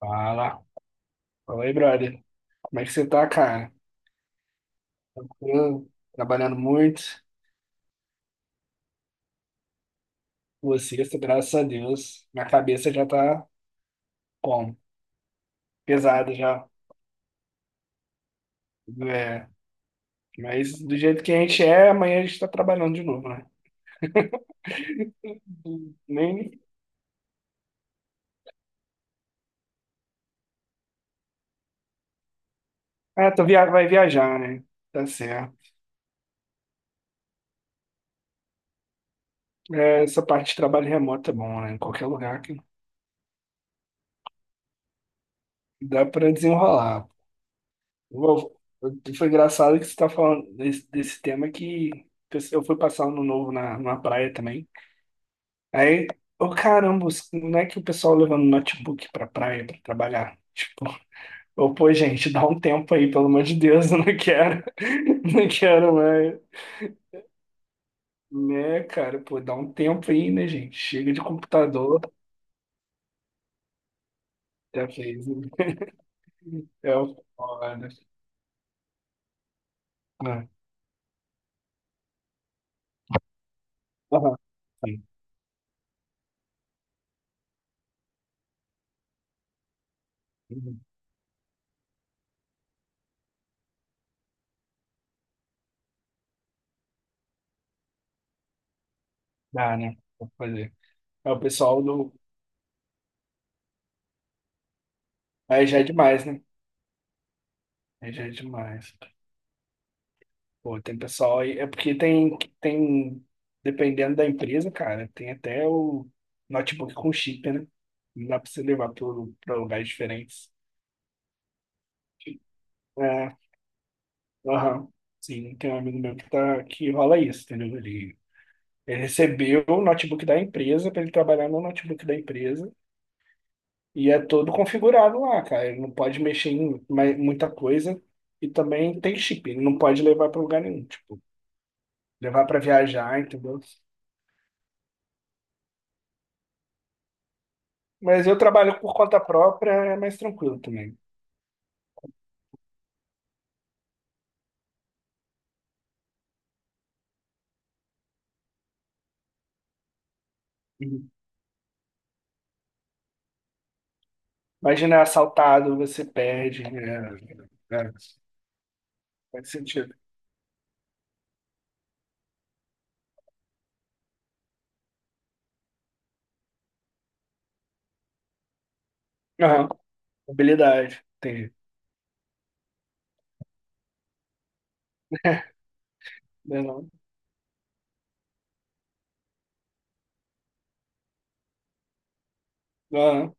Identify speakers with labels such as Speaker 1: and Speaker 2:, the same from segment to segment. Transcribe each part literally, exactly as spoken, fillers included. Speaker 1: Fala. Fala aí, brother. Como é que você tá, cara? Tranquilo? Trabalhando muito? Você, graças a Deus. Minha cabeça já tá como? Pesada já. É. Mas do jeito que a gente é, amanhã a gente tá trabalhando de novo, né? Nem... Ah, tô via... vai viajar, né? Tá certo. É, essa parte de trabalho remoto é bom, né? Em qualquer lugar que dá pra desenrolar. Eu vou- eu- Foi engraçado que você tá falando desse, desse tema que eu fui passar ano novo na, na praia também. Aí, ô caramba, os- não é que o pessoal levando notebook pra praia pra trabalhar? Tipo, ô pô, gente, dá um tempo aí, pelo amor de Deus, eu não quero, não quero mais. Né, cara, pô, dá um tempo aí, né, gente? Chega de computador, já fez, né? É o foda. Ah, aham, sim. Uhum. Dá, né? Vou fazer. É o pessoal do. Aí já é demais, né? Aí já é demais. Pô, tem pessoal aí. É porque tem, tem, dependendo da empresa, cara, tem até o notebook com chip, né? Não dá pra você levar para lugares diferentes. É, aham. Sim, tem um amigo meu que, tá, que rola isso, entendeu? Ele, ele recebeu o notebook da empresa para ele trabalhar no notebook da empresa e é todo configurado lá, cara. Ele não pode mexer em mai- muita coisa e também tem chip, ele não pode levar para lugar nenhum, tipo, levar para viajar, entendeu? Mas eu trabalho por conta própria, é mais tranquilo também. Uhum. Imagina, é assaltado, você perde. É, é, faz sentido. Aham. Habilidade. Entendi. Não, aham.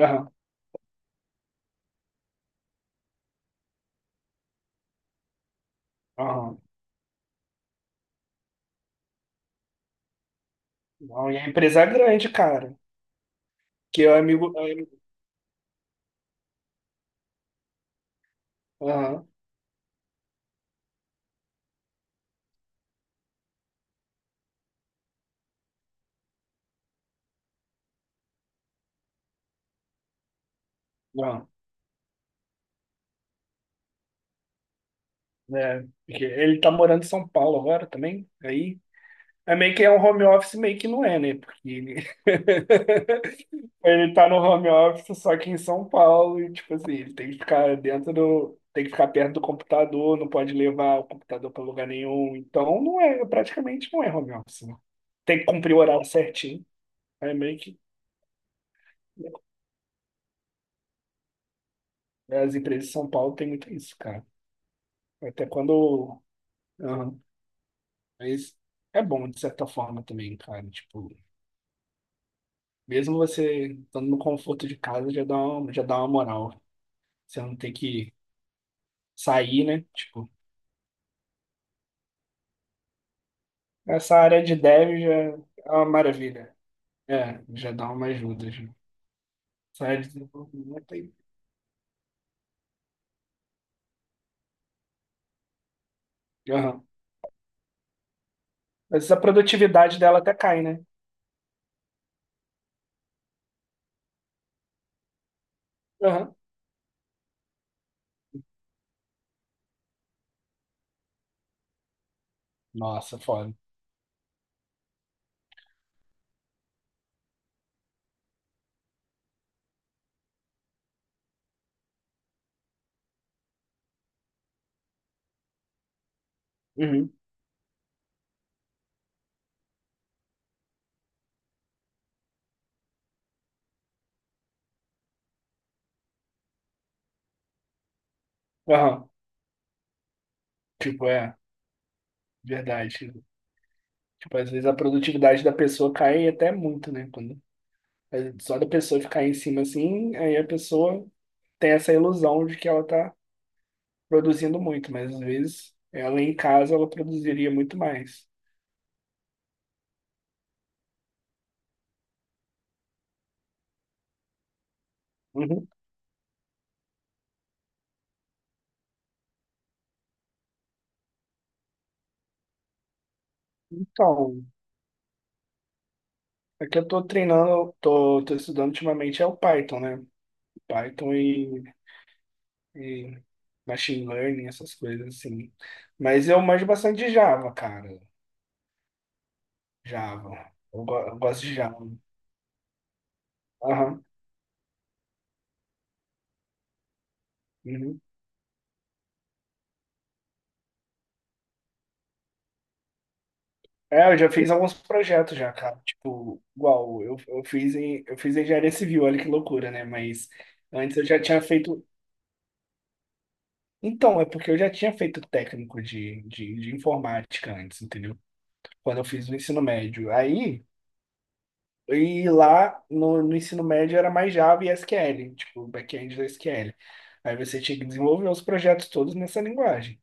Speaker 1: Aham. Aham. Não, e a empresa é grande, cara. Que é amigo. Aham. Aham. É, porque ele tá morando em São Paulo agora também. Aí é meio que é um home office, meio que não é, né? Porque ele- ele tá no home office, só que em São Paulo, e tipo assim, ele tem que ficar dentro do. Tem que ficar perto do computador, não pode levar o computador pra lugar nenhum. Então não é, praticamente não é home office, né? Tem que cumprir o horário certinho. É meio que. As empresas de São Paulo tem muito isso, cara. Até quando. Aham. Mas é bom, de certa forma, também, cara. Tipo, mesmo você estando no conforto de casa, já dá uma, já dá uma moral. Você não tem que sair, né? Tipo, essa área de dev já é uma maravilha. É, já dá uma ajuda. Já. Essa área de desenvolvimento aí. Aham. Mas a produtividade dela até cai, né? Aham. Nossa, foda. Uhum. Aham. Tipo, é, verdade. Tipo, às vezes a produtividade da pessoa cai até muito, né? Quando, é, só da pessoa ficar em cima assim, aí a pessoa tem essa ilusão de que ela tá produzindo muito, mas às vezes ela em casa ela produziria muito mais. Uhum. Então. É que eu tô treinando, tô, tô estudando ultimamente é o Python, né? Python e, e machine learning, essas coisas assim. Mas eu manjo bastante de Java, cara. Java. Eu, go- eu gosto de Java. Aham. Uhum. É, eu já fiz alguns projetos já, cara. Tipo, igual, eu, eu fiz em, eu fiz engenharia civil, olha que loucura, né? Mas antes eu já tinha feito. Então, é porque eu já tinha feito técnico de, de, de informática antes, entendeu? Quando eu fiz o ensino médio. Aí. E lá no, no ensino médio era mais Java e S Q L, tipo, back-end da S Q L. Aí você tinha que desenvolver os projetos todos nessa linguagem.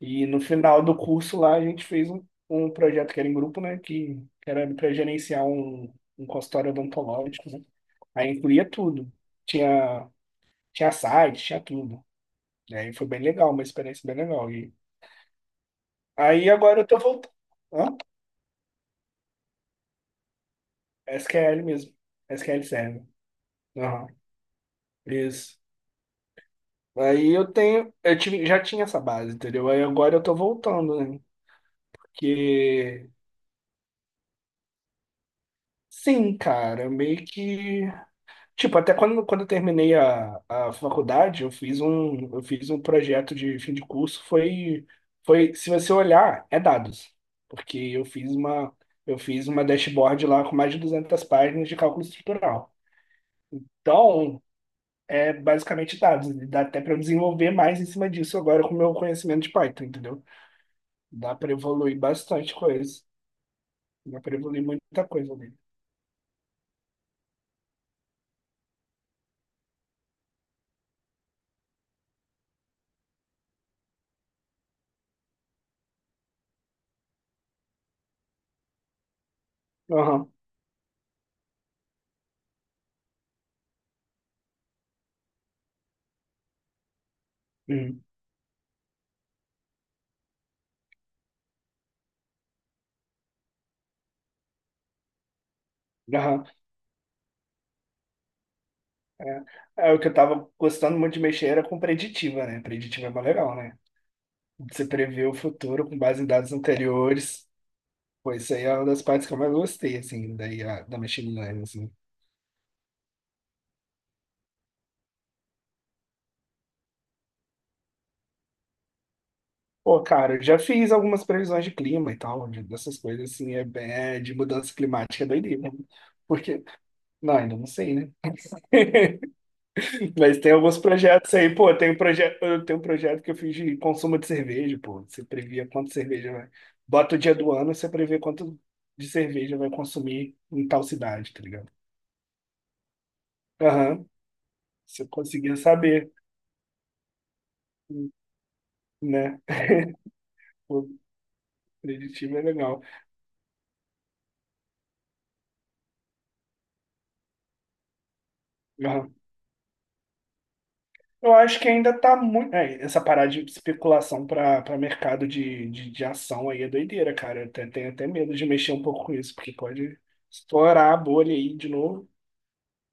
Speaker 1: E no final do curso lá a gente fez um, um projeto que era em grupo, né? Que era para gerenciar um, um consultório odontológico, né? Aí incluía tudo. Tinha, tinha site, tinha tudo. Né, e aí foi bem legal, uma experiência bem legal. E aí agora eu tô voltando. Hã? S Q L mesmo. S Q L Server. Aham. Isso. Aí eu tenho, eu tive, já tinha essa base, entendeu? Aí agora eu tô voltando, né? Porque, sim, cara, meio que, tipo, até quando, quando, eu terminei a, a faculdade, eu fiz um, eu fiz um projeto de fim de curso, foi, foi, se você olhar, é dados, porque eu fiz uma, eu fiz uma dashboard lá com mais de duzentas páginas de cálculo estrutural. Então, é basicamente dados, dá até para eu desenvolver mais em cima disso agora com o meu conhecimento de Python, entendeu? Dá pra evoluir bastante coisa. Dá pra evoluir muita coisa ali. Aham. Uhum. Aham. É. É, o que eu tava gostando muito de mexer era com preditiva, né? Preditiva é mais legal, né? Você prevê o futuro com base em dados anteriores. Pô, isso aí é uma das partes que eu mais gostei, assim, daí, a- da machine learning, assim. Pô, cara, eu já fiz algumas previsões de clima e tal, de- dessas coisas, assim, é, bem- é de mudança climática, é doideira, né? Porque, não, ainda não sei, né? Mas tem alguns projetos aí, pô, tem um projeto, eu tenho um projeto que eu fiz de consumo de cerveja, pô. Você previa quanto cerveja vai. Bota o dia do ano, você prevê quanto de cerveja vai consumir em tal cidade, tá ligado? Aham. Você conseguia saber, né? O preditivo é legal. Aham. Eu acho que ainda tá muito, é, essa parada de especulação para para mercado de, de, de ação aí é doideira, cara. Eu te- tenho até medo de mexer um pouco com isso, porque pode estourar a bolha aí de novo.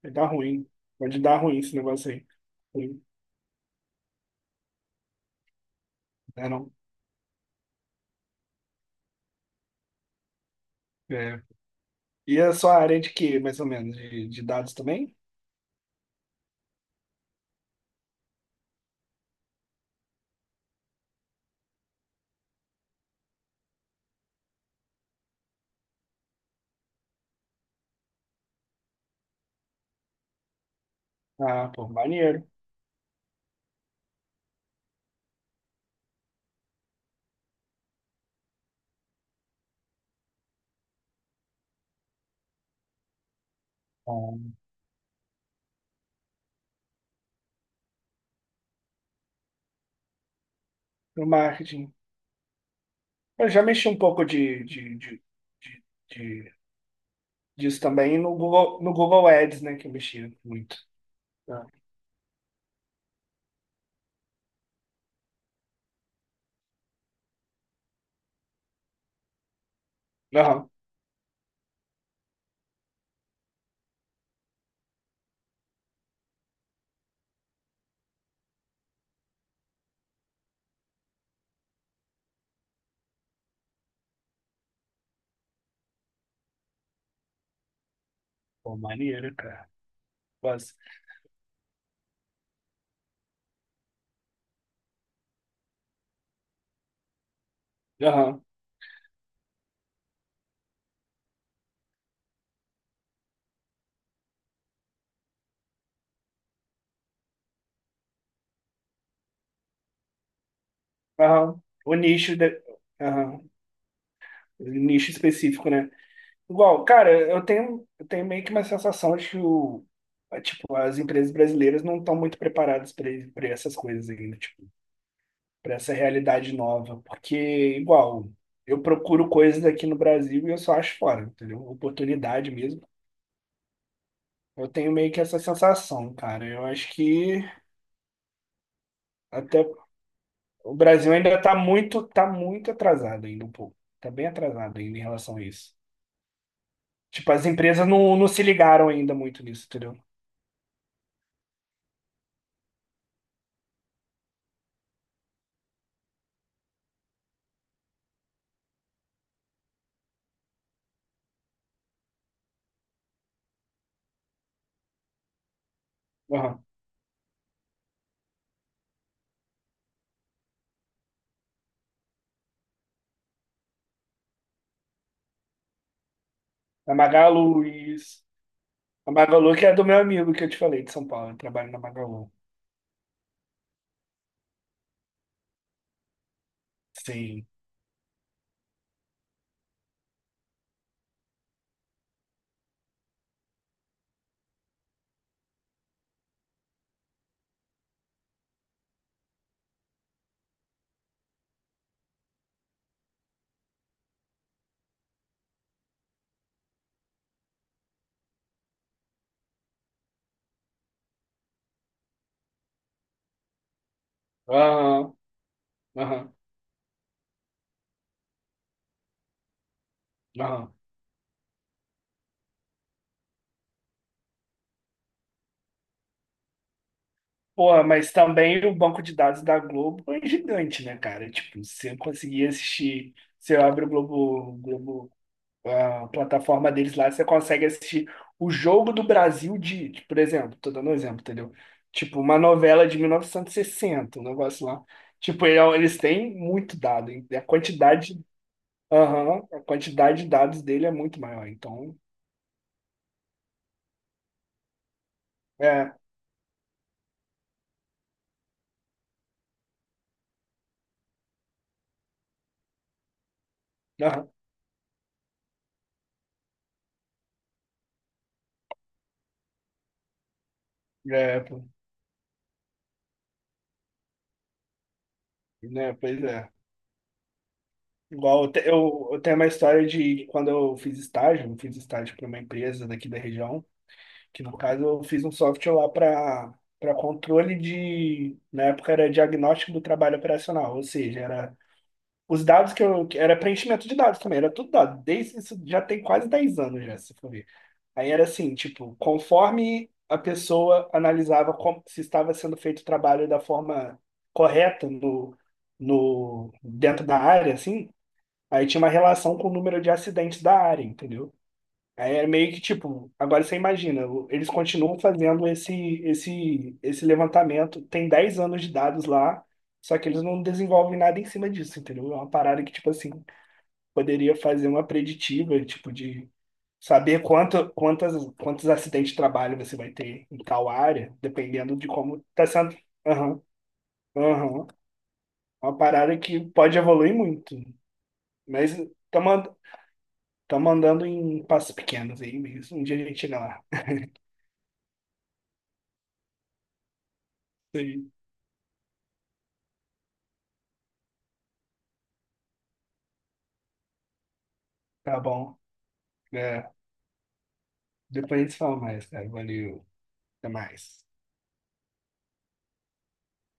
Speaker 1: Vai dar ruim. Pode dar ruim esse negócio aí. Ruim. Não é não. É. E a sua área de quê, mais ou menos? De, de dados também? Ah, pô, maneiro. Ah, no marketing. Eu já mexi um pouco de, de, de, de, de- disso também no Google, no Google, Ads, né? Que eu mexia muito. Ah, aham. Pô, maneiro, cara. Gosto. Aham. Aham. O nicho, de... aham. O nicho específico, né? Igual, cara, eu tenho, eu tenho meio que uma sensação de que o, é, tipo, as empresas brasileiras não estão muito preparadas para essas coisas ainda, tipo, para essa realidade nova. Porque, igual, eu procuro coisas aqui no Brasil e eu só acho fora, entendeu? Oportunidade mesmo. Eu tenho meio que essa sensação, cara. Eu acho que até o Brasil ainda tá muito, tá muito atrasado ainda um pouco. Tá bem atrasado ainda em relação a isso. Tipo, as empresas não, não se ligaram ainda muito nisso, entendeu? Na Magalu, isso. A Magalu que é do meu amigo que eu te falei, de São Paulo. Eu trabalho na Magalu. Sim. Aham, aham, aham. Pô, mas também o banco de dados da Globo é gigante, né, cara? Tipo, se eu conseguir assistir, se eu abro o Globo, Globo, a plataforma deles lá, você consegue assistir o jogo do Brasil de, de- por exemplo, tô dando um exemplo, entendeu? Tipo, uma novela de mil novecentos e sessenta um negócio lá. Tipo, ele- é um, eles têm muito dado, hein? A quantidade. Aham, a quantidade de dados dele é muito maior. Então, é, aham, é, pô, né, pois é. Igual, eu, te- eu eu tenho uma história de quando eu fiz estágio, eu fiz estágio, para uma empresa daqui da região, que no caso eu fiz um software lá para para controle de, na época era diagnóstico do trabalho operacional, ou seja, era os dados que eu, que era preenchimento de dados também, era tudo dado, desde isso já tem quase dez anos já, se for ver. Aí era assim, tipo, conforme a pessoa analisava como, se estava sendo feito o trabalho da forma correta no, no, dentro da área, assim, aí tinha uma relação com o número de acidentes da área, entendeu? Aí era meio que tipo, agora você imagina, o- eles continuam fazendo esse, esse, esse levantamento, tem dez anos de dados lá, só que eles não desenvolvem nada em cima disso, entendeu? É uma parada que, tipo assim, poderia fazer uma preditiva, tipo, de saber quanto, quantas, quantos acidentes de trabalho você vai ter em tal área, dependendo de como está sendo. Aham, aham. É uma parada que pode evoluir muito. Mas estamos andando em passos pequenos aí mesmo. Um dia a gente chega lá. Sim. Tá bom. É, depois a gente fala mais, cara. Valeu. Até mais.